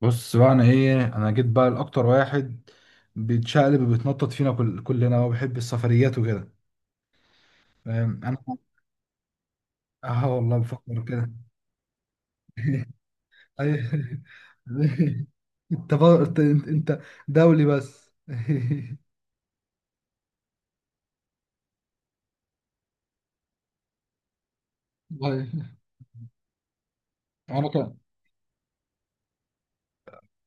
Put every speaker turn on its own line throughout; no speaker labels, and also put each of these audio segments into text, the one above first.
بص بقى، انا انا جيت بقى لاكتر واحد بيتشقلب وبيتنطط فينا كلنا وبيحب السفريات وكده. فاهم انا. اه والله، بفكر كده. أي- انت بقى انت انت أنت دولي بس. والله، انا كده.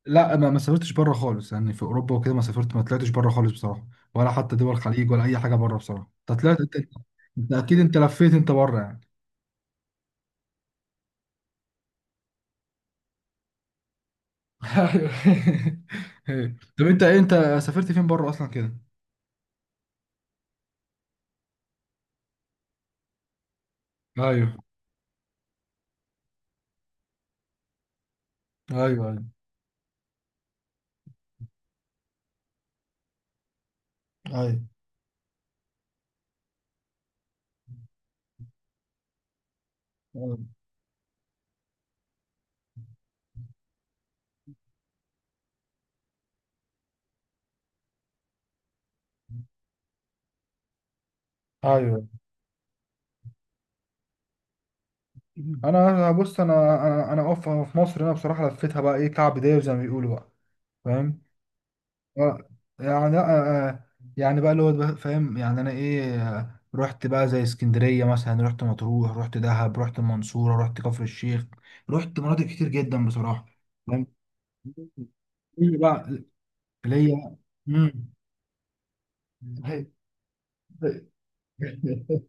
لا، ما سافرتش بره خالص، يعني في اوروبا وكده، ما طلعتش بره خالص بصراحه. ولا حتى دول الخليج ولا اي حاجه بره بصراحه. انت اكيد انت لفيت انت بره يعني. ايوه. أيوة. طب انت سافرت فين بره اصلا كده؟ ايوه، ايوه، ايوه، ايوه، ايوه. بص، انا اقف في مصر. انا بصراحه لفيتها بقى ايه، كعب داير زي ما بيقولوا بقى. فاهم. آه، يعني يعني بقى فاهم يعني انا ايه. رحت بقى زي اسكندريه مثلا، رحت مطروح، رحت دهب، رحت المنصوره، رحت كفر الشيخ. رحت مناطق كتير جدا بصراحه. فاهم. ليا بقى ليا مم. أيوة،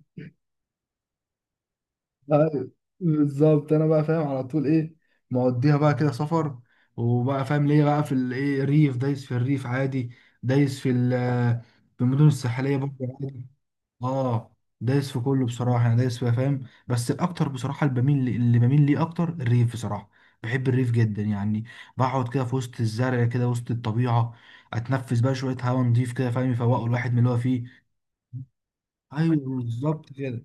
بالظبط. انا بقى فاهم على طول ايه، مقضيها بقى كده سفر. وبقى فاهم ليه بقى، في الايه ريف، دايس في الريف عادي، دايس في ال- في المدن الساحليه برضه عادي. اه، دايس في كله بصراحه. انا دايس فيها فاهم، بس الاكتر بصراحه اللي بميل ليه اكتر الريف بصراحه. بحب الريف جدا يعني، بقعد كده في وسط الزرع كده، وسط الطبيعه، اتنفس بقى شويه هواء نضيف كده. فاهم، يفوقوا الواحد من اللي هو فيه. ايوه بالظبط كده.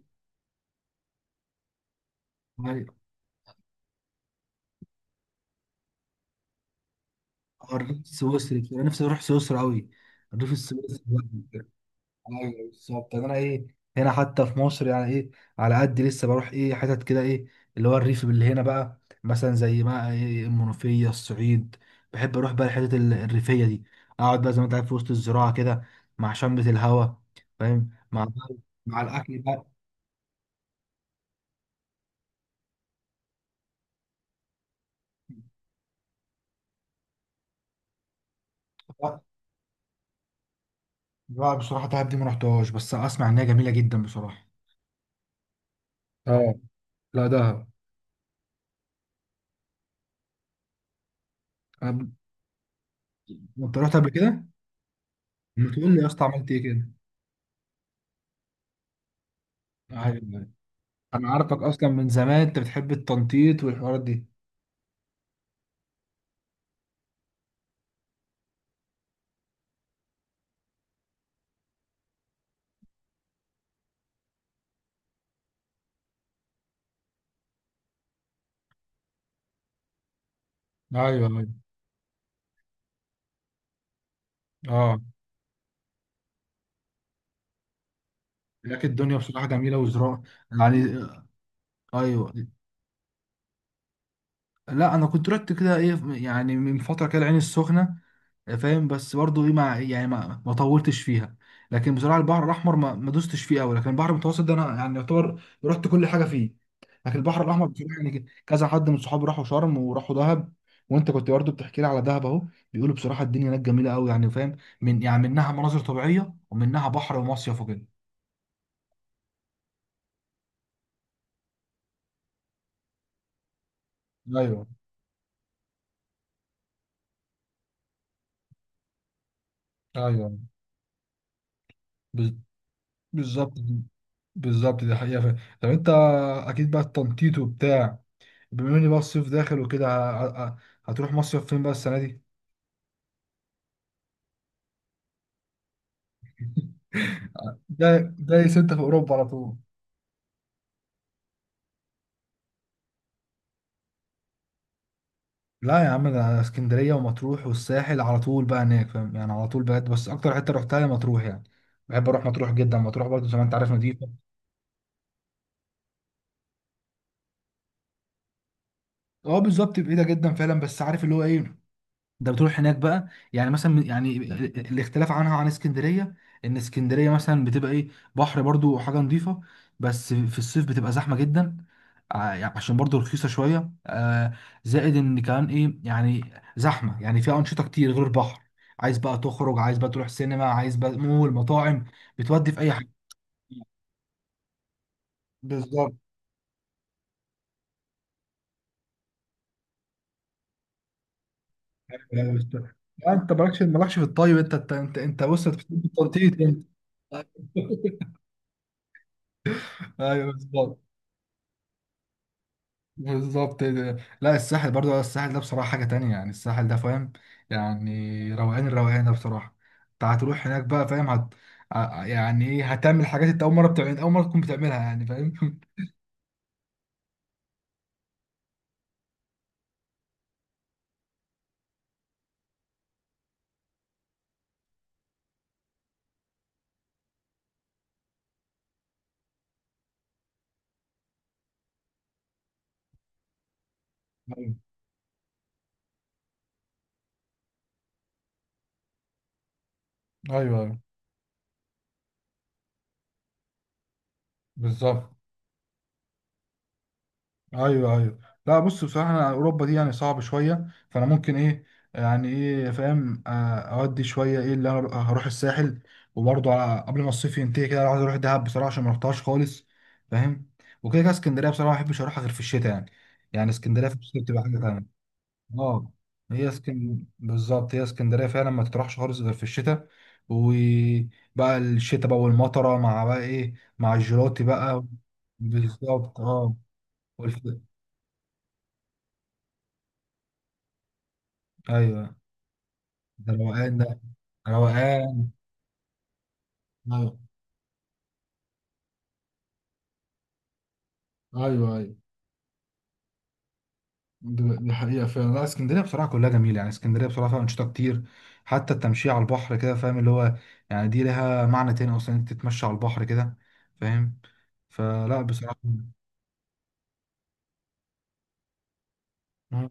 الريف السويسري كده. انا نفسي اروح سويسرا قوي. الريف السويسري بقى. ايوه بالظبط. انا ايه، هنا حتى في مصر يعني ايه، على قد لسه بروح ايه حتت كده، ايه اللي هو الريف اللي هنا بقى، مثلا زي ما ايه المنوفيه، الصعيد. بحب اروح بقى الحتت الريفيه دي. اقعد بقى زي ما انت عارف في وسط الزراعه كده، مع شمة الهوا. فاهم، مع الاكل بقى. بقى بصراحه دهب دي ما رحتهاش، بس اسمع ان هي جميله جدا بصراحه. اه، لا دهب. أنا- انت رحت قبل كده؟ ما تقول لي يا اسطى عملت ايه كده. ايوه. انا عارفك اصلا من زمان، انت بتحب التنطيط والحوارات دي. ايوه ايوه، اه. لكن الدنيا بصراحه جميله وزراعه. يعني ايوه. لا انا كنت رحت كده ايه، يعني من فتره كده العين السخنه. فاهم، بس برضو ايه، ما يعني ما طولتش فيها. لكن بصراحه البحر الاحمر ما دوستش فيه قوي. لكن البحر المتوسط ده انا يعني يعتبر رحت كل حاجه فيه. لكن البحر الاحمر بصراحه، يعني كذا حد من صحابي راحوا شرم وراحوا دهب، وانت كنت برضو بتحكي لي على دهب اهو. بيقولوا بصراحه الدنيا هناك جميله قوي، يعني فاهم، يعني منها مناظر طبيعيه ومنها بحر ومصيف وكده. ايوه ايوه. بز- بالظبط. بالظبط دي حقيقة فعلا. طب انت اكيد بقى التنطيط وبتاع، بما اني بقى الصيف داخل وكده، هتروح مصيف فين بقى السنه دي؟ جاي جاي ستة في اوروبا على طول. لا يا عم، انا اسكندريه ومطروح والساحل على طول بقى هناك، فاهم يعني على طول بجد، بس اكتر حته رحتها هي مطروح يعني. بحب اروح مطروح جدا، مطروح برضه زي ما انت عارف نضيفه. اه بالظبط، بعيده جدا فعلا. بس عارف اللي هو ايه، ده بتروح هناك بقى يعني مثلا، يعني الاختلاف عن اسكندريه، ان اسكندريه مثلا بتبقى ايه، بحر برضو وحاجه نظيفه، بس في الصيف بتبقى زحمه جدا. يعني عشان برضو رخيصه شويه، زائد ان كمان ايه يعني، زحمه يعني فيها انشطه كتير غير البحر. عايز بقى تخرج، عايز بقى تروح سينما، عايز بقى مول، مطاعم، بتودي في اي حاجه. بالظبط. يعني يعني انت مالكش في الطيب. انت بص، انت في التنطيط انت. ايوه بالظبط. بالظبط ده. لا الساحل برضو، الساحل ده بصراحة حاجة تانية، يعني الساحل ده فاهم، يعني روقان. الروقان ده بصراحة، انت هتروح هناك بقى فاهم يعني ايه، هتعمل حاجات انت أول مرة، تكون بتعملها يعني فاهم. ايوه ايوه. أيوة، بالظبط. ايوه ايوه. لا بص بصراحه انا اوروبا دي يعني صعب شويه، فانا ممكن ايه يعني ايه فاهم، اودي شويه ايه اللي انا هروح الساحل. وبرضه على قبل ما الصيف ينتهي كده، انا عايز اروح دهب بصراحه، عشان ما رحتهاش خالص فاهم. وكده كده اسكندريه بصراحه ما بحبش اروحها غير في الشتاء يعني، يعني اسكندريه في الشتاء بتبقى حاجه تانيه. اه، هي بالظبط هي اسكندريه فعلا ما تروحش خالص غير في الشتاء. وبقى الشتاء بقى والمطره، مع بقى ايه، مع الجيلاتي بقى. بالظبط اه. ايوه، ده روقان، ده روقان. ايوه ايوه ايوه. دي حقيقه فعلا. لا اسكندريه بصراحه كلها جميله، يعني اسكندريه بصراحه فيها انشطه كتير. حتى التمشيه على البحر كده فاهم اللي هو، يعني دي لها معنى تاني اصلا، انت تتمشى على البحر كده. فاهم. فلا بصراحه. مم.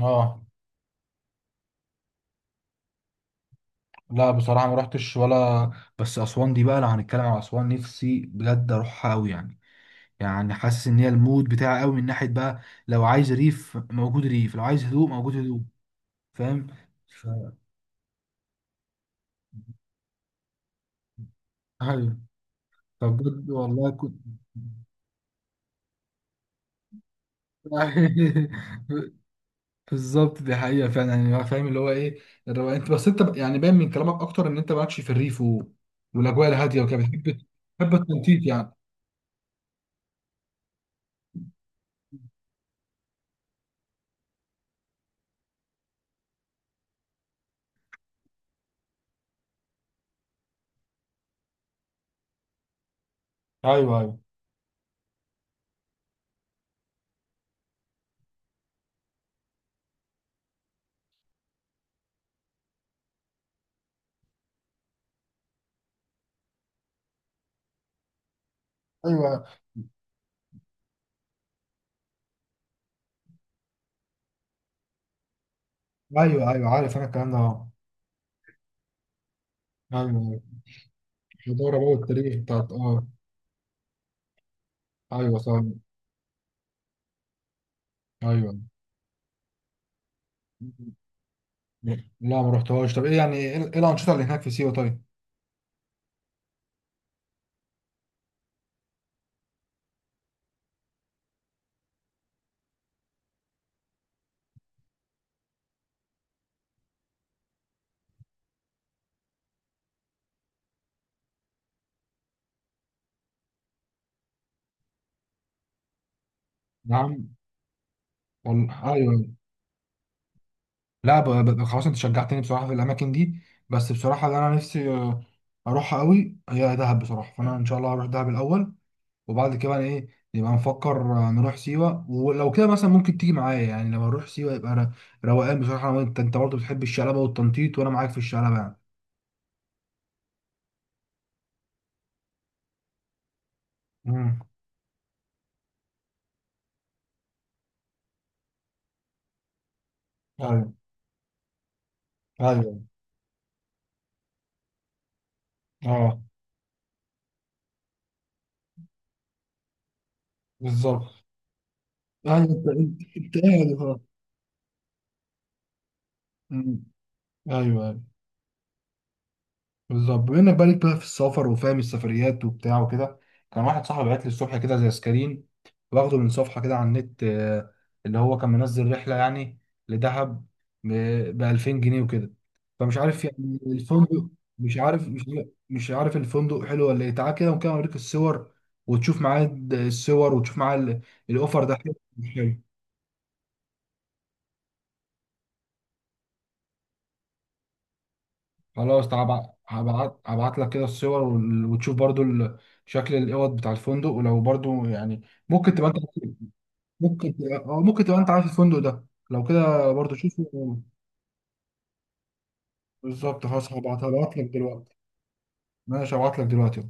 اه لا بصراحه ما رحتش ولا. بس اسوان دي بقى، لو هنتكلم على اسوان، نفسي بجد اروحها قوي يعني. يعني حاسس ان هي المود بتاعي قوي من ناحيه بقى، لو عايز ريف موجود ريف، لو عايز هدوء موجود هدوء. فاهم. ايوه، طب بجد والله كنت. بالظبط دي حقيقة فعلا. يعني هو فاهم اللي هو ايه، الروقان، انت بس يعني باين من كلامك اكتر ان انت مالكش في الريف و... والاجواء الهادية وكده، بتحب التنطيط يعني. ايوه، ايوه، ايوه، ايوه، ايوه، عارف انا الكلام ده اه. ايوه ايوه. الحضارة بقى والتاريخ بتاعت اه، ايوه صح. ايوه لا ما رحتهاش. طب يعني إيه الانشطة اللي هناك في سيوة طيب؟ نعم. والله ايوه. لا خلاص، انت شجعتني بصراحه في الاماكن دي. بس بصراحه اللي انا نفسي اروحها قوي هي دهب بصراحه، فانا ان شاء الله هروح دهب الاول. وبعد كده بقى ايه، نبقى نفكر نروح سيوه ولو كده مثلا. ممكن تيجي معايا، يعني لو هنروح سيوه يبقى روقان بصراحه، أنا وانت. انت برضه بتحب الشلبه والتنطيط، وانا معاك في الشلبه يعني. امم. ايوه ايوه اه بالظبط. ايوه، انت قاعد خلاص. أمم، ايوه بالظبط. بما انك بقالك بقى في السفر وفاهم السفريات وبتاع وكده، كان واحد صاحبي بعت لي الصبح كده زي سكرين، واخده من صفحه كده على النت، اللي هو كان منزل رحله يعني لدهب ب 2000 جنيه وكده. فمش عارف يعني الفندق. مش عارف الفندق حلو ولا ايه. تعال كده ممكن اوريك الصور، وتشوف معاه الصور، وتشوف معاه الاوفر ده حلو مش حلو. خلاص تعب، هبعت لك كده الصور، وتشوف برضو شكل الاوض بتاع الفندق. ولو برضو يعني، ممكن تبقى انت، ممكن تبقى انت عارف الفندق ده، لو كده برضو شوفه. بالظبط خلاص، هبعت لك دلوقتي. ماشي، هبعت لك دلوقتي.